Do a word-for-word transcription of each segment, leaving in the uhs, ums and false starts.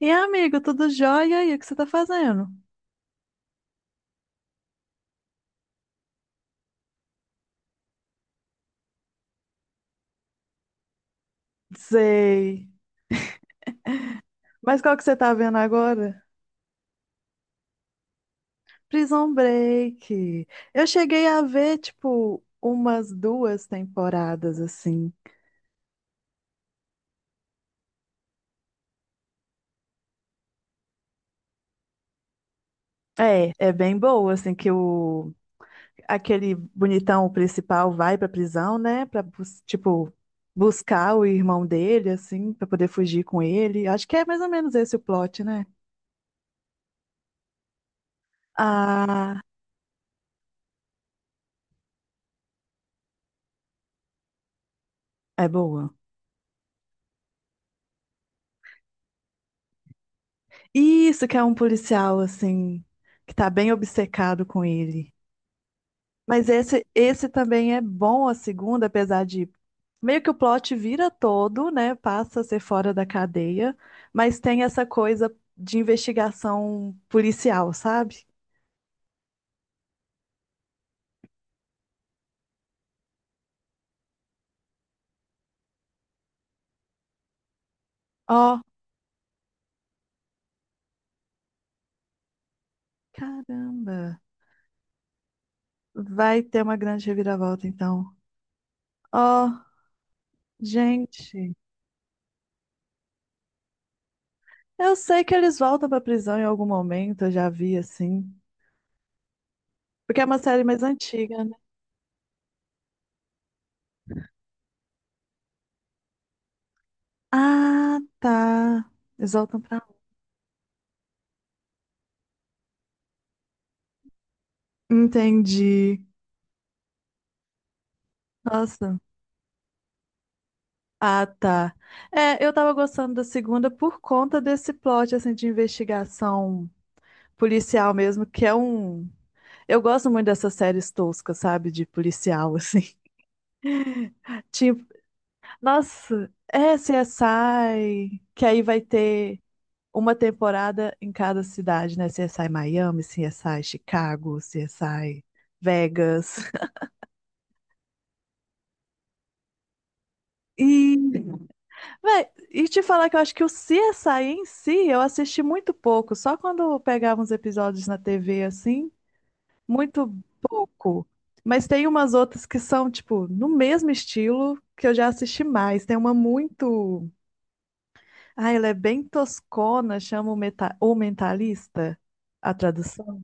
E amigo, tudo jóia? E aí, o que você tá fazendo? Sei. Mas qual que você tá vendo agora? Prison Break. Eu cheguei a ver, tipo, umas duas temporadas, assim. É, é bem boa, assim, que o... Aquele bonitão principal vai pra prisão, né? Pra, bus- tipo, buscar o irmão dele, assim, pra poder fugir com ele. Acho que é mais ou menos esse o plot, né? Ah, é boa. Isso que é um policial, assim, que tá bem obcecado com ele. Mas esse, esse também é bom a segunda, apesar de meio que o plot vira todo, né? Passa a ser fora da cadeia, mas tem essa coisa de investigação policial, sabe? Ó, caramba, vai ter uma grande reviravolta então. Ó, gente, eu sei que eles voltam pra prisão em algum momento, eu já vi assim. Porque é uma série mais antiga. Ah, tá. Eles voltam pra lá. Entendi. Nossa. Ah, tá. É, eu tava gostando da segunda por conta desse plot, assim, de investigação policial mesmo, que é um... Eu gosto muito dessas séries toscas, sabe? De policial, assim. Tipo, nossa, é C S I, que aí vai ter uma temporada em cada cidade, né? C S I Miami, C S I Chicago, C S I Vegas. E Véi, e te falar que eu acho que o C S I em si eu assisti muito pouco, só quando eu pegava uns episódios na T V assim, muito pouco. Mas tem umas outras que são, tipo, no mesmo estilo que eu já assisti mais. Tem uma muito. Ah, ela é bem toscona, chama o, meta... o Mentalista, a tradução.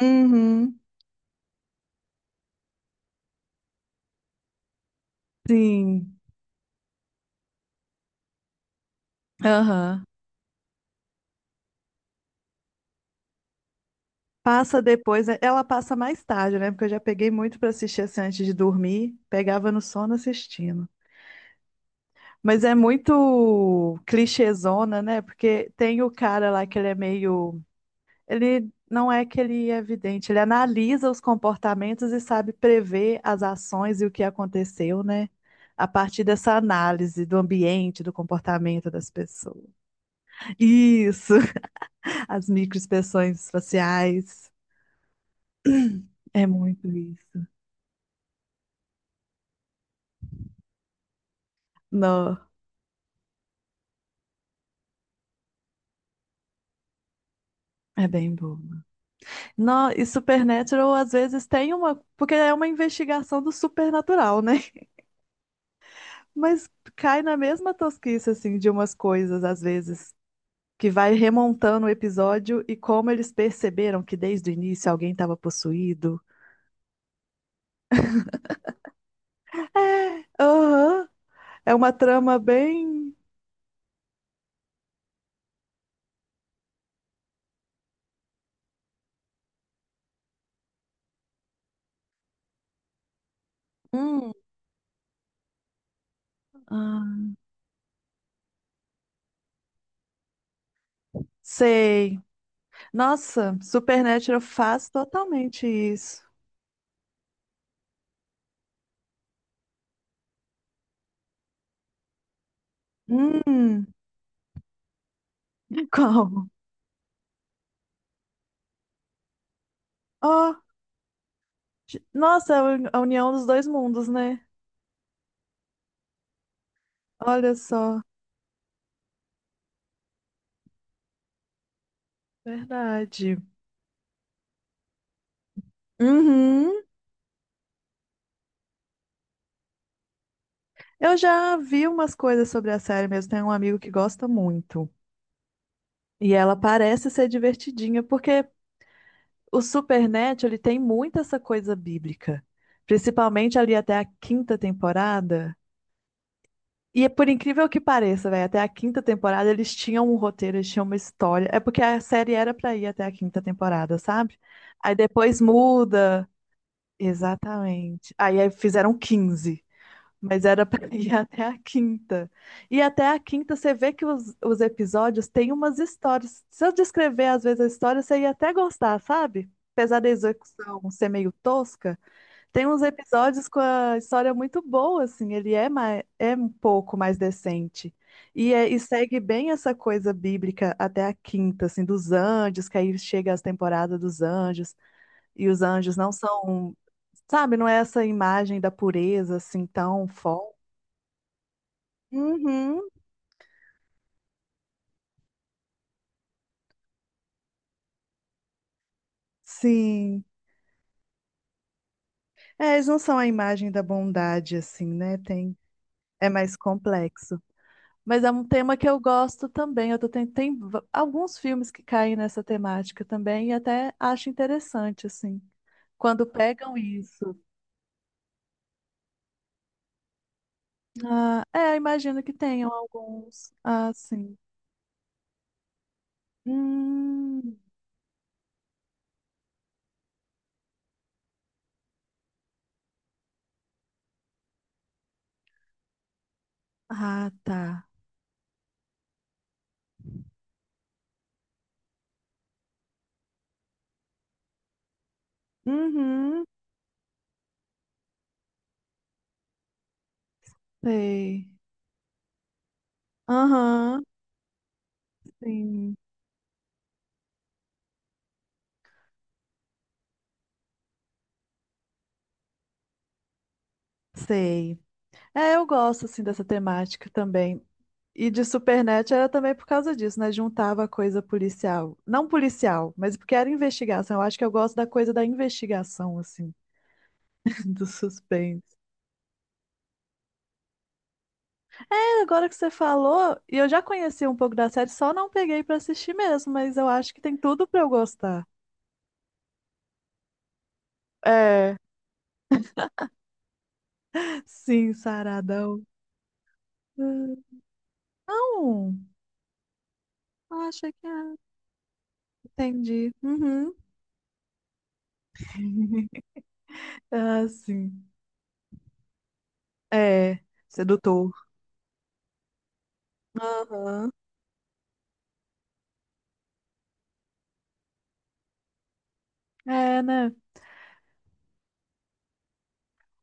Uhum. Sim. Aham. Passa depois, né? Ela passa mais tarde, né? Porque eu já peguei muito pra assistir assim antes de dormir, pegava no sono assistindo. Mas é muito clichêzona, né? Porque tem o cara lá que ele é meio. Ele não é que ele é vidente, ele analisa os comportamentos e sabe prever as ações e o que aconteceu, né? A partir dessa análise do ambiente, do comportamento das pessoas. Isso! As microexpressões faciais. É muito isso. Não, é bem bobo. Não, e Supernatural às vezes tem uma. Porque é uma investigação do supernatural, né? Mas cai na mesma tosquice, assim, de umas coisas, às vezes, que vai remontando o episódio e como eles perceberam que desde o início alguém estava possuído. Aham, é uma trama bem. Hum. Ah, sei. Nossa, Supernatural faz totalmente isso. Hum, como? Ó. Nossa, é a uni- a união dos dois mundos, né? Olha só, verdade. Uhum. Eu já vi umas coisas sobre a série mesmo. Tem um amigo que gosta muito. E ela parece ser divertidinha, porque o Supernatural, ele tem muito essa coisa bíblica. Principalmente ali até a quinta temporada. E é por incrível que pareça, velho, até a quinta temporada eles tinham um roteiro, eles tinham uma história. É porque a série era pra ir até a quinta temporada, sabe? Aí depois muda. Exatamente. Aí aí fizeram quinze, mas era para ir até a quinta. E até a quinta você vê que os, os episódios têm umas histórias. Se eu descrever às vezes a história, você ia até gostar, sabe? Apesar da execução ser meio tosca, tem uns episódios com a história muito boa, assim, ele é, mais, é um pouco mais decente. E, é- e segue bem essa coisa bíblica até a quinta, assim, dos anjos, que aí chega as temporadas dos anjos e os anjos não são. Sabe, não é essa imagem da pureza assim tão forte. Uhum, sim. É, eles não são a imagem da bondade assim, né? Tem, é mais complexo. Mas é um tema que eu gosto também. Eu tô tem, tem v- alguns filmes que caem nessa temática também e até acho interessante assim, quando pegam isso. Ah, é, imagino que tenham alguns. Ah, sim. Hum, ah, tá. Uhum, sei. Aham, sim. Sei. É, eu gosto assim dessa temática também. E de Supernet era também por causa disso, né? Juntava a coisa policial. Não policial, mas porque era investigação. Eu acho que eu gosto da coisa da investigação, assim, do suspense. É, agora que você falou, e eu já conheci um pouco da série, só não peguei pra assistir mesmo, mas eu acho que tem tudo pra eu gostar. É, sim, Saradão. Hum. Não, acha que é. Entendi. Uhum. Ah, sim. É, sedutor. Aham. É, né?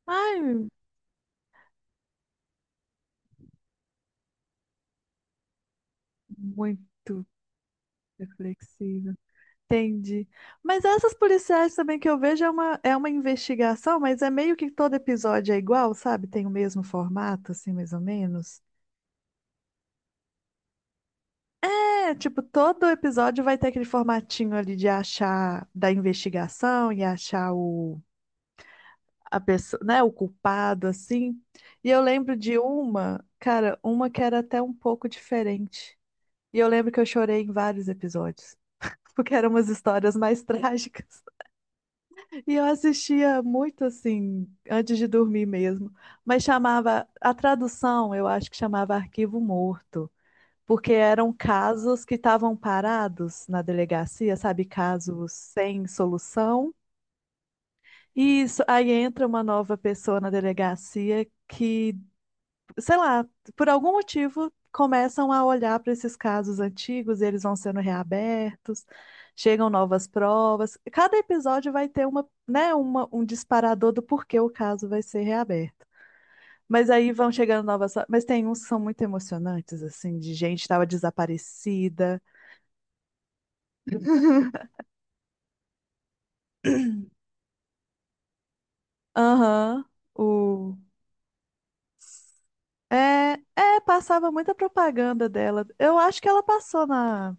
Ai, muito reflexiva. Entendi. Mas essas policiais também que eu vejo é uma, é uma investigação, mas é meio que todo episódio é igual, sabe? Tem o mesmo formato, assim, mais ou menos. É, tipo, todo episódio vai ter aquele formatinho ali de achar da investigação e achar o, a pessoa, né, o culpado, assim. E eu lembro de uma, cara, uma que era até um pouco diferente. E eu lembro que eu chorei em vários episódios, porque eram umas histórias mais trágicas. E eu assistia muito assim, antes de dormir mesmo. Mas chamava, a tradução eu acho que chamava Arquivo Morto, porque eram casos que estavam parados na delegacia, sabe? Casos sem solução. E isso, aí entra uma nova pessoa na delegacia que sei lá, por algum motivo, começam a olhar para esses casos antigos, e eles vão sendo reabertos, chegam novas provas. Cada episódio vai ter uma, né, uma, um disparador do porquê o caso vai ser reaberto. Mas aí vão chegando novas. Mas tem uns que são muito emocionantes, assim, de gente que estava desaparecida. Aham. O... É, é, passava muita propaganda dela. Eu acho que ela passou na,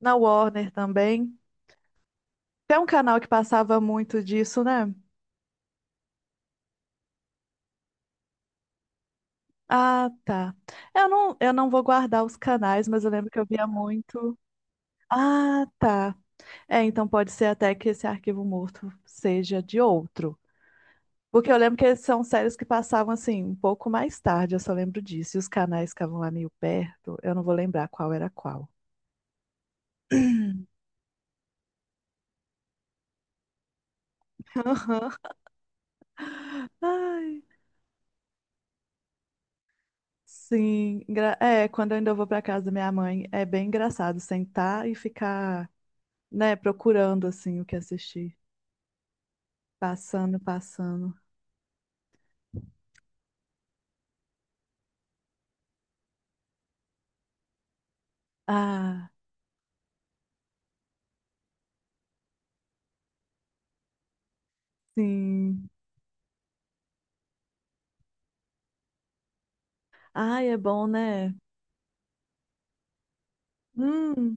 na Warner também. Tem um canal que passava muito disso, né? Ah, tá. Eu não, eu não vou guardar os canais, mas eu lembro que eu via muito. Ah, tá. É, então pode ser até que esse arquivo morto seja de outro. Porque eu lembro que são séries que passavam assim, um pouco mais tarde, eu só lembro disso. E os canais ficavam lá meio perto, eu não vou lembrar qual era qual. Aham. Ai, sim. Engra- É, quando eu ainda vou pra casa da minha mãe, é bem engraçado sentar e ficar, né, procurando assim o que assistir. Passando, passando. Ah, sim. Ai, é bom, né? Hum,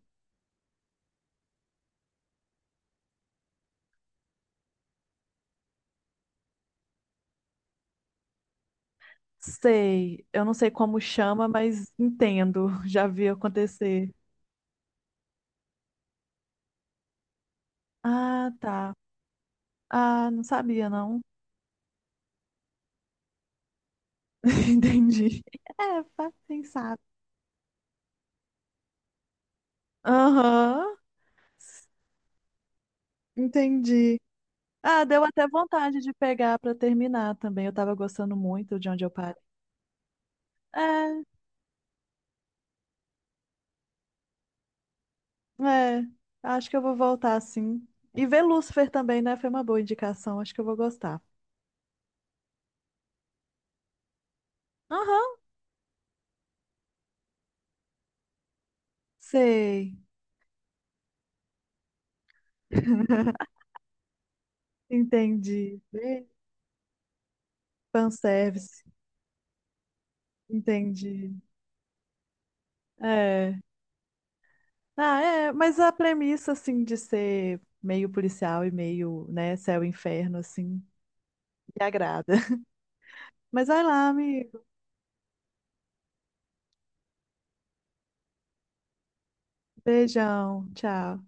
sei. Eu não sei como chama, mas entendo. Já vi acontecer. Ah, tá. Ah, não sabia, não. Entendi. É, faz pensar. Aham, entendi. Ah, deu até vontade de pegar pra terminar também. Eu tava gostando muito de onde eu parei. É, É, acho que eu vou voltar sim. E ver Lúcifer também, né? Foi uma boa indicação, acho que eu vou gostar. Aham. Sei, entendi. Ver Fanservice, entendi. É. Ah, é, mas a premissa, assim, de ser meio policial e meio, né, céu e inferno, assim, me agrada. Mas vai lá, amigo. Beijão, tchau.